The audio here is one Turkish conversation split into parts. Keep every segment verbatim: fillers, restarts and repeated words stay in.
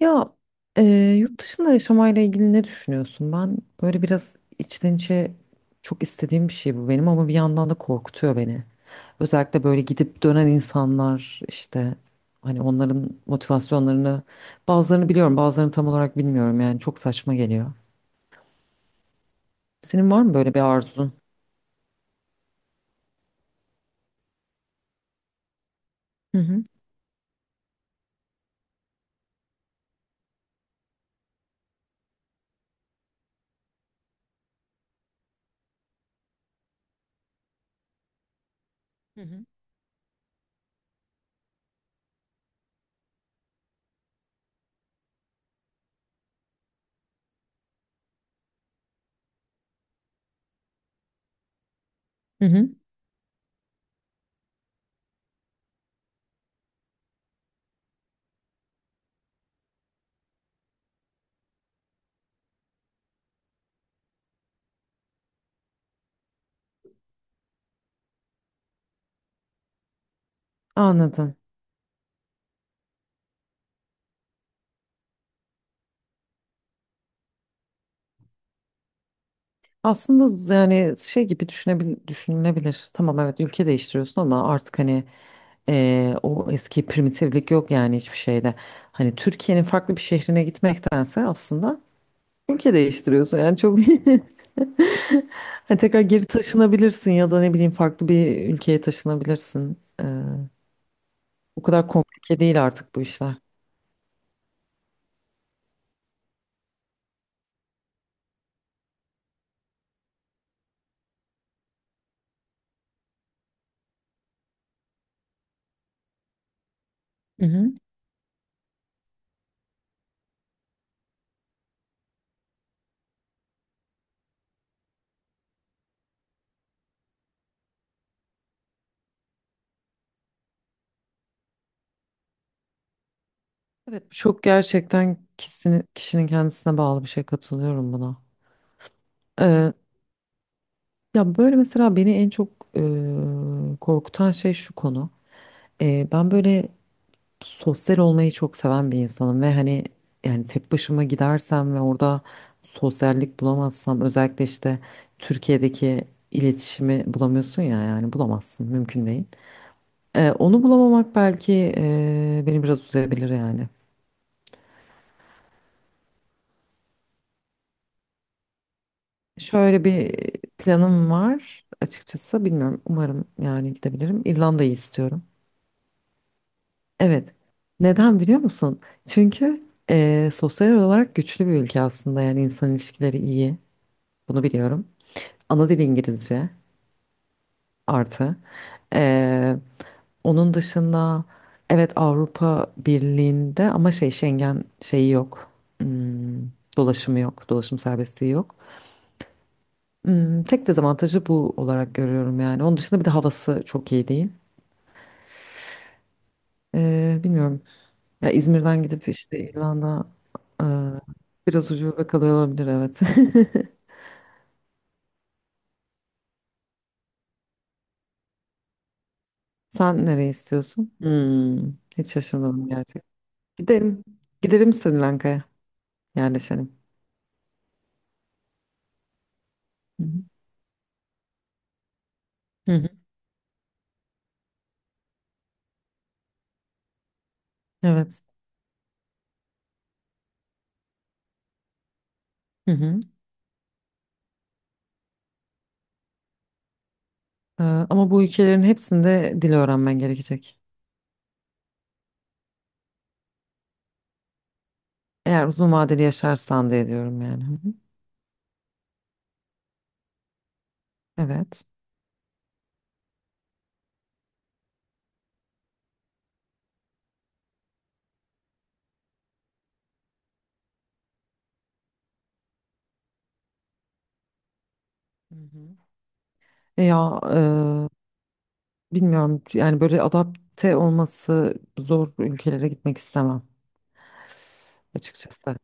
Ya e, yurt dışında yaşamayla ilgili ne düşünüyorsun? Ben böyle biraz içten içe çok istediğim bir şey bu benim ama bir yandan da korkutuyor beni. Özellikle böyle gidip dönen insanlar işte hani onların motivasyonlarını bazılarını biliyorum bazılarını tam olarak bilmiyorum yani çok saçma geliyor. Senin var mı böyle bir arzun? Hı hı. Hı hı. Hı hı. Anladım. Aslında z- yani şey gibi düşünebil düşünülebilir. Tamam, evet, ülke değiştiriyorsun ama artık hani eee, o eski primitiflik yok yani hiçbir şeyde. Hani Türkiye'nin farklı bir şehrine gitmektense aslında ülke değiştiriyorsun yani çok Hani tekrar geri taşınabilirsin ya da ne bileyim farklı bir ülkeye taşınabilirsin. Eee, o kadar komplike değil artık bu işler. Hı hı. Evet, bu çok gerçekten kişinin, kişinin kendisine bağlı bir şey, katılıyorum buna. Ya böyle mesela beni en çok e, korkutan şey şu konu. E, ben böyle sosyal olmayı çok seven bir insanım ve hani yani tek başıma gidersem ve orada sosyallik bulamazsam, özellikle işte Türkiye'deki iletişimi bulamıyorsun ya, yani bulamazsın, mümkün değil. E, onu bulamamak belki e, beni biraz üzebilir yani. Şöyle bir planım var, açıkçası bilmiyorum, umarım yani gidebilirim. İrlanda'yı istiyorum. Evet. Neden biliyor musun? Çünkü eee, sosyal olarak güçlü bir ülke aslında. Yani insan ilişkileri iyi. Bunu biliyorum. Ana dil İngilizce artı. Eee, onun dışında evet, Avrupa Birliği'nde ama şey, Schengen şeyi yok. Hmm, dolaşımı yok. Dolaşım serbestliği yok. Hmm, tek dezavantajı bu olarak görüyorum yani. Onun dışında bir de havası çok iyi değil. Eee, bilmiyorum. Ya İzmir'den gidip işte İrlanda, e, biraz ucube kalıyor olabilir, evet. Sen nereye istiyorsun? Hmm, hiç şaşırmadım gerçekten. Gidelim. Giderim Sri Lanka'ya, yerleşelim. Hı hı. Hı hı. Evet. Hı hı. E, ama bu ülkelerin hepsinde dil öğrenmen gerekecek. Eğer uzun vadeli yaşarsan diye diyorum yani. Hı hı. Evet. Hı hı. E ya e, bilmiyorum yani, böyle adapte olması zor ülkelere gitmek istemem açıkçası.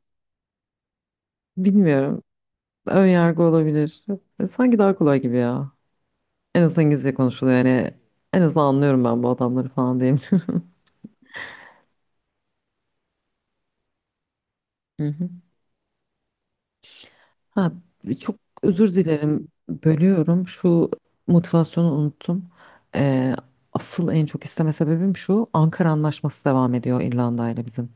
Bilmiyorum. Ön yargı olabilir. E, Sanki daha kolay gibi ya. En azından İngilizce konuşuluyor yani. En azından anlıyorum ben bu adamları, falan diyeyim. Hı hı. Ha, çok özür dilerim, bölüyorum. Şu motivasyonu unuttum. E, Asıl en çok isteme sebebim şu. Ankara Anlaşması devam ediyor İrlanda ile bizim.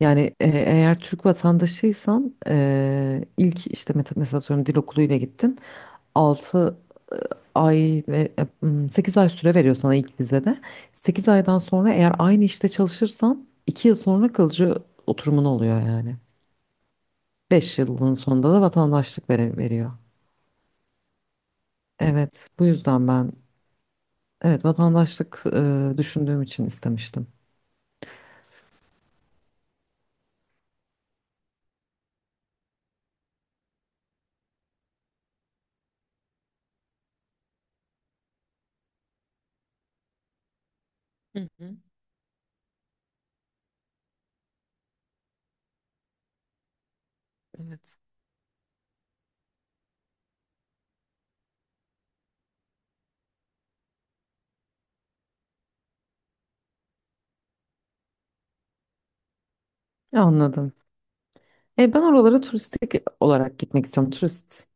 Yani e, eğer Türk vatandaşıysan e, ilk işte met- mesela, atıyorum, dil okuluyla gittin. Altı ay ve sekiz ay süre veriyor sana ilk vizede. Sekiz aydan sonra eğer aynı işte çalışırsan, iki yıl sonra kalıcı oturumun oluyor yani. Beş yılın sonunda da vatandaşlık vere- veriyor. Evet, bu yüzden ben, evet, vatandaşlık e, düşündüğüm için istemiştim. Hı hı, evet. Anladım. E, ben oralara turistik olarak gitmek istiyorum. Turist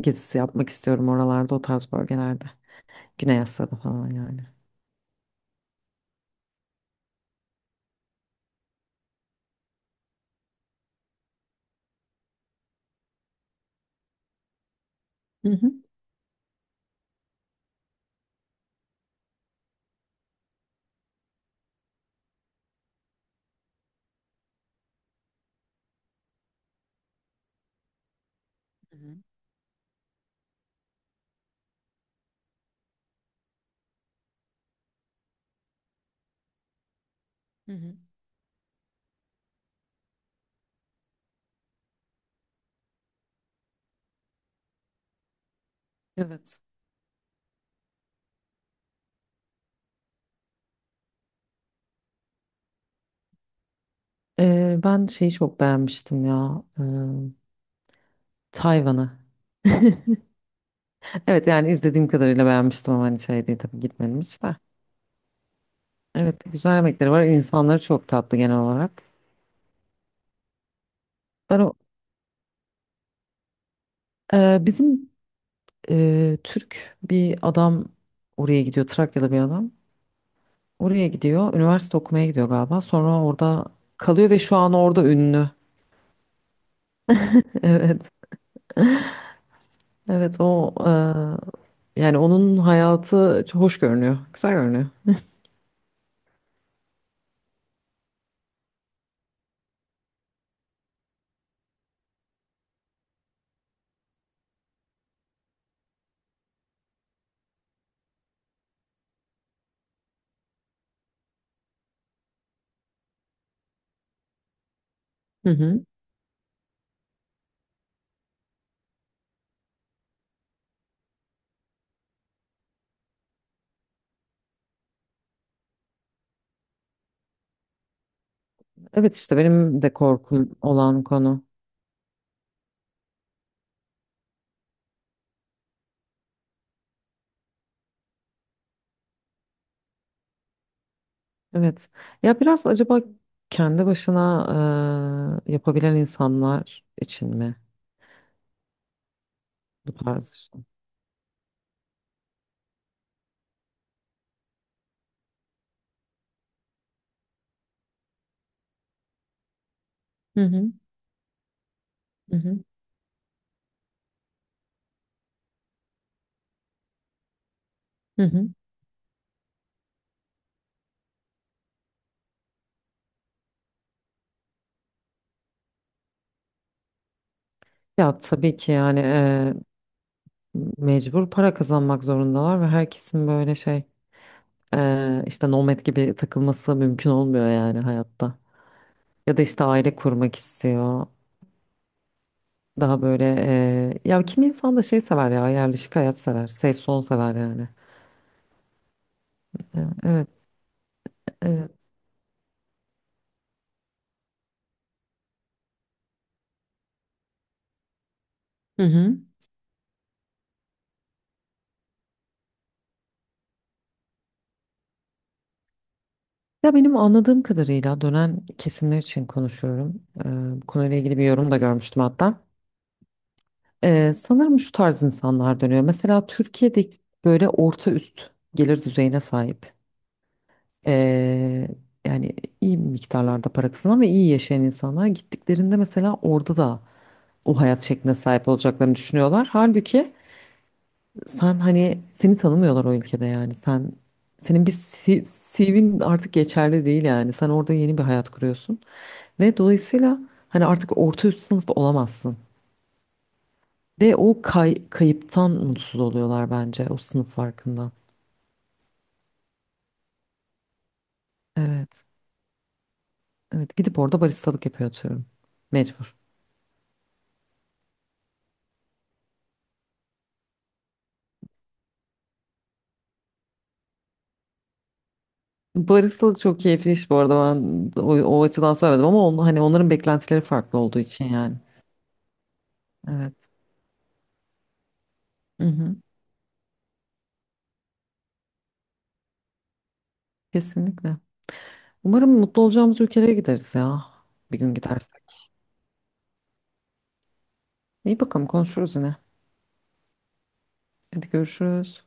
gezisi yapmak istiyorum oralarda, o tarz bölgelerde. Güney Asya'da falan yani. Hı hı. Hı hı, hı hı, evet. Ee, ben şeyi çok beğenmiştim ya. Ee, Tayvan'ı. Evet, yani izlediğim kadarıyla beğenmiştim ama hani şey değil tabii, gitmedim hiç de. Evet, güzel yemekleri var. İnsanları çok tatlı genel olarak. Ben o Ee, bizim e, Türk bir adam oraya gidiyor. Trakyalı bir adam. Oraya gidiyor. Üniversite okumaya gidiyor galiba. Sonra orada kalıyor ve şu an orada ünlü. Evet. Evet o e, Yani onun hayatı çok hoş görünüyor. Güzel görünüyor. Hı hı. Evet, işte benim de korkum olan konu. Evet. Ya, biraz acaba kendi başına eee, yapabilen insanlar için mi bu tarz işte? Hı hı, hı hı, hı hı. Ya tabii ki, yani eee, mecbur para kazanmak zorundalar ve herkesin böyle şey, eee, işte, nomad gibi takılması mümkün olmuyor yani hayatta. Ya da işte aile kurmak istiyor. Daha böyle eee, ya, kimi insan da şey sever ya, yerleşik hayat sever. Safe zone sever yani. Evet, evet. Hı hı. Ya benim anladığım kadarıyla dönen kesimler için konuşuyorum. Ee, bu konuyla ilgili bir yorum da görmüştüm hatta. Ee, sanırım şu tarz insanlar dönüyor. Mesela Türkiye'de böyle orta üst gelir düzeyine sahip, ee, yani iyi miktarlarda para kazanan ve iyi yaşayan insanlar gittiklerinde mesela, orada da o hayat şekline sahip olacaklarını düşünüyorlar. Halbuki, sen, hani seni tanımıyorlar o ülkede yani. Sen senin bir C- CV'nin artık geçerli değil yani. Sen orada yeni bir hayat kuruyorsun. Ve dolayısıyla hani, artık orta üst sınıf olamazsın. Ve o kay- kayıptan mutsuz oluyorlar bence, o sınıf farkından. Evet. Evet, gidip orada baristalık yapıyor, atıyorum. Mecbur. Baristalık çok keyifli iş bu arada, ben o, o açıdan söylemedim ama on, hani onların beklentileri farklı olduğu için yani. Evet. Hı hı. Kesinlikle. Umarım mutlu olacağımız ülkelere gideriz ya. Bir gün gidersek. İyi, bakalım, konuşuruz yine. Hadi görüşürüz.